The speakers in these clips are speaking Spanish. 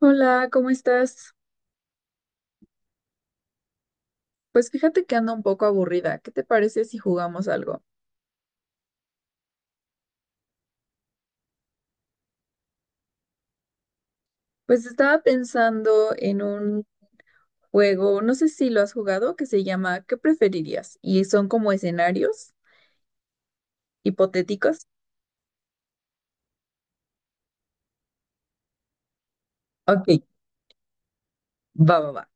Hola, ¿cómo estás? Pues fíjate que ando un poco aburrida. ¿Qué te parece si jugamos algo? Pues estaba pensando en un juego, no sé si lo has jugado, que se llama ¿Qué preferirías? Y son como escenarios hipotéticos. Ok, va.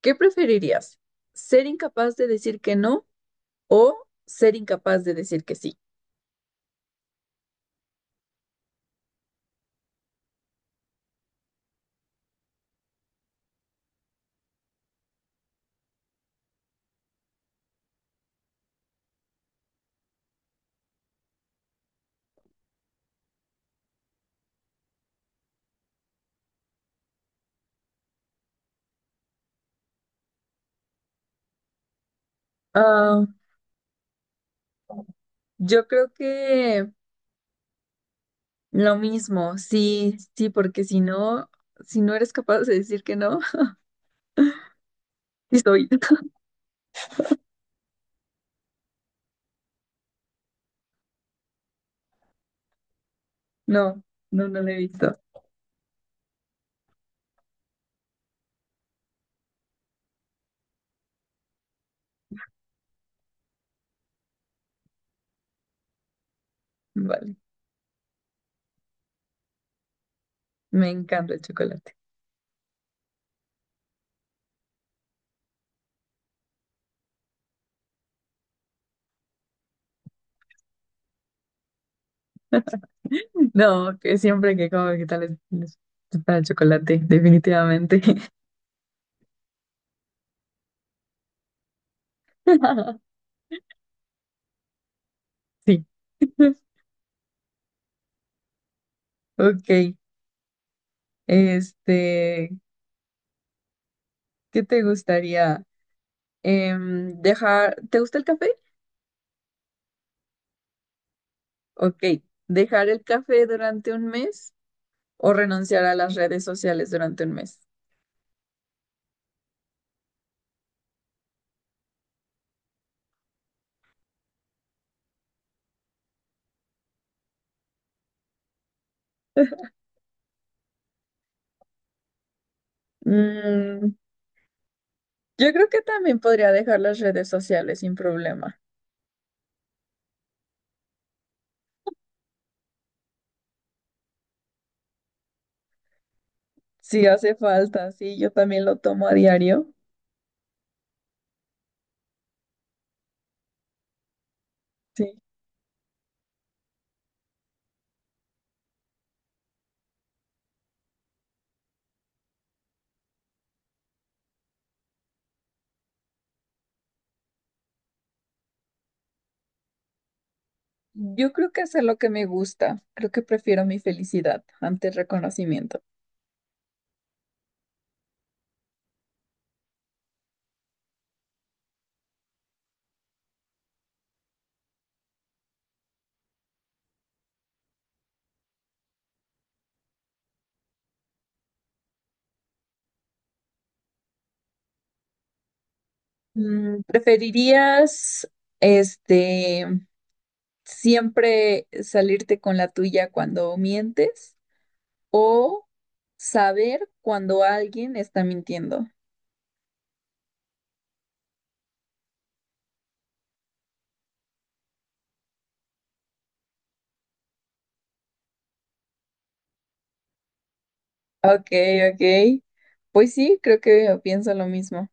¿Qué preferirías? ¿Ser incapaz de decir que no o ser incapaz de decir que sí? Ah, yo creo que lo mismo, sí, sí, porque si no, si no eres capaz de decir que no, sí soy. No, no, no lo he visto. Vale, me encanta el chocolate. No, que siempre que como vegetales les para el chocolate, definitivamente. Sí. Ok, este, ¿qué te gustaría? Dejar, ¿te gusta el café? Ok, ¿dejar el café durante un mes o renunciar a las redes sociales durante un mes? Mm, yo creo que también podría dejar las redes sociales sin problema. Sí hace falta, sí, yo también lo tomo a diario. Sí. Yo creo que hacer lo que me gusta, creo que prefiero mi felicidad ante el reconocimiento. Mm, ¿preferirías, este, siempre salirte con la tuya cuando mientes o saber cuando alguien está mintiendo? Ok, ok. Pues sí, creo que pienso lo mismo.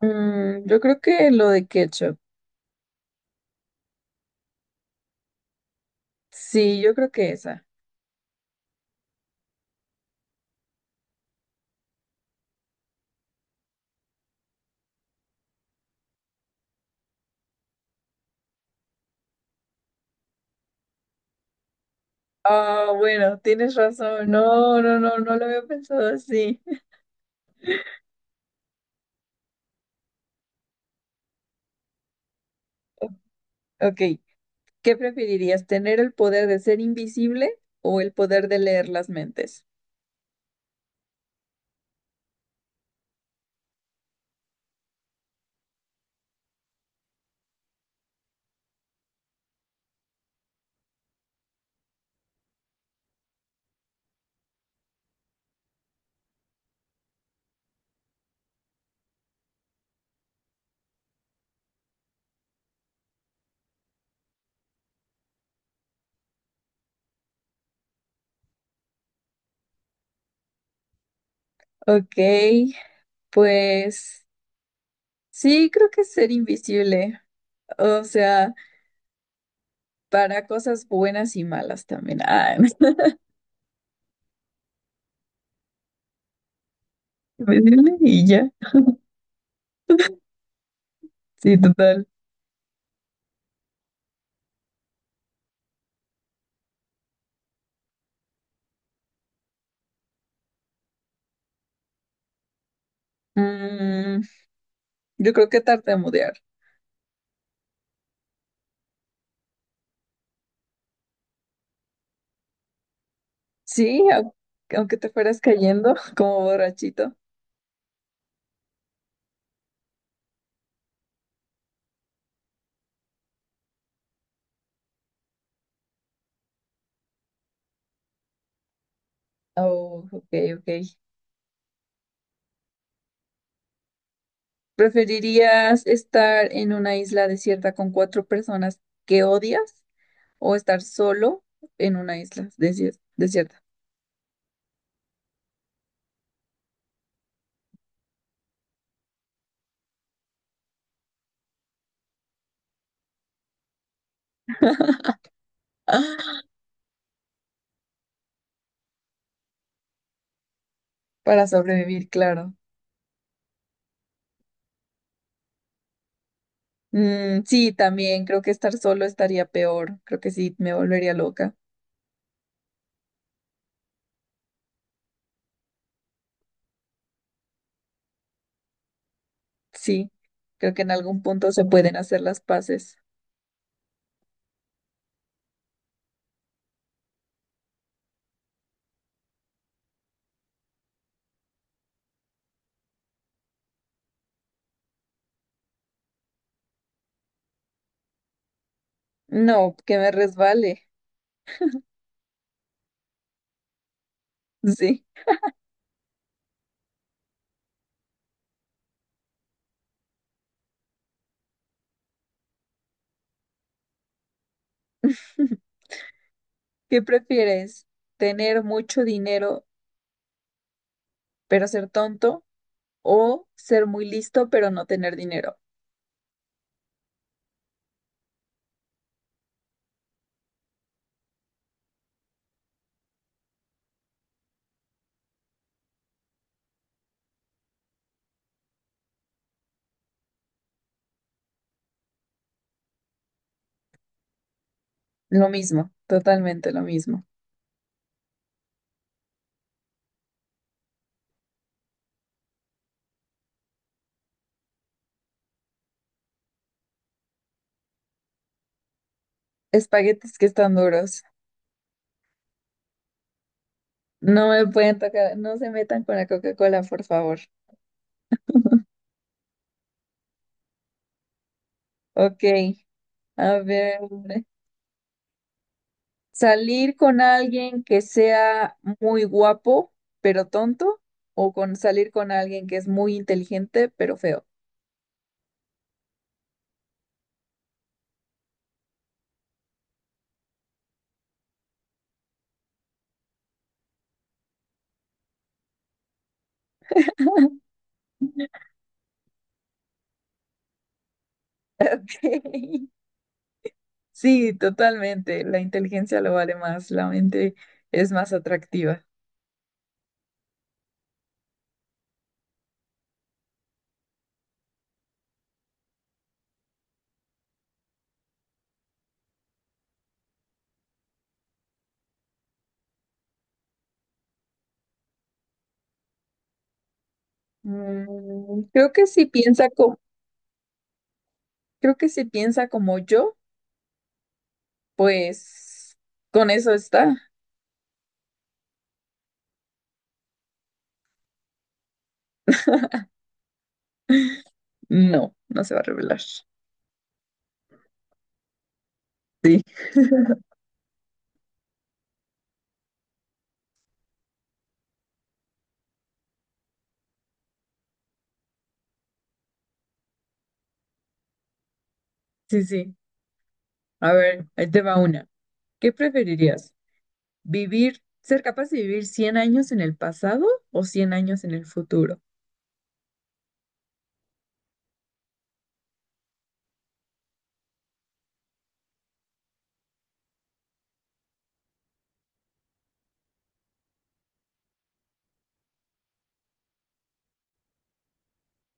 Mm, yo creo que lo de ketchup. Sí, yo creo que esa. Ah, bueno, tienes razón. No, no, no, no lo había pensado así. Ok, ¿qué preferirías? ¿Tener el poder de ser invisible o el poder de leer las mentes? Ok, pues sí, creo que ser invisible. O sea, para cosas buenas y malas también. Ah, invisible y ya. Sí, total. Mm, yo creo que tartamudear. Sí, aunque te fueras cayendo como borrachito. Oh, ok, ok. ¿Preferirías estar en una isla desierta con cuatro personas que odias o estar solo en una isla desierta? ¡Ah! Para sobrevivir, claro. Mm, sí, también creo que estar solo estaría peor. Creo que sí, me volvería loca. Sí, creo que en algún punto se pueden hacer las paces. No, que me resbale. Sí. ¿Qué prefieres? ¿Tener mucho dinero pero ser tonto o ser muy listo pero no tener dinero? Lo mismo, totalmente lo mismo. Espaguetis que están duros. No me pueden tocar, no se metan con la Coca-Cola, por favor. Ok, a ver. ¿Salir con alguien que sea muy guapo, pero tonto? ¿O con salir con alguien que es muy inteligente, pero feo? Ok. Sí, totalmente. La inteligencia lo vale más, la mente es más atractiva. Mm, creo que si piensa como yo. Pues con eso está. No, no se va a revelar. Sí, sí, sí. A ver, ahí te va una. ¿Qué preferirías? Ser capaz de vivir 100 años en el pasado o 100 años en el futuro?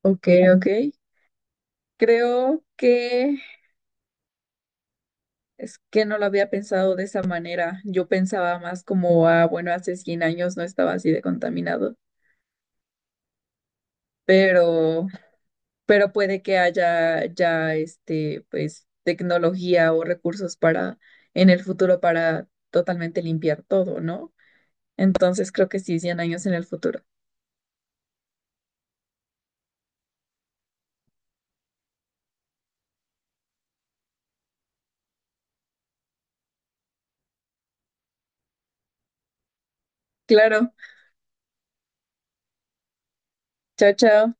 Ok, ok. Creo que es que no lo había pensado de esa manera. Yo pensaba más como, ah, bueno, hace 100 años no estaba así de contaminado, pero puede que haya ya pues, tecnología o recursos para en el futuro para totalmente limpiar todo, ¿no? Entonces creo que sí, 100 años en el futuro. Claro, chao, chao.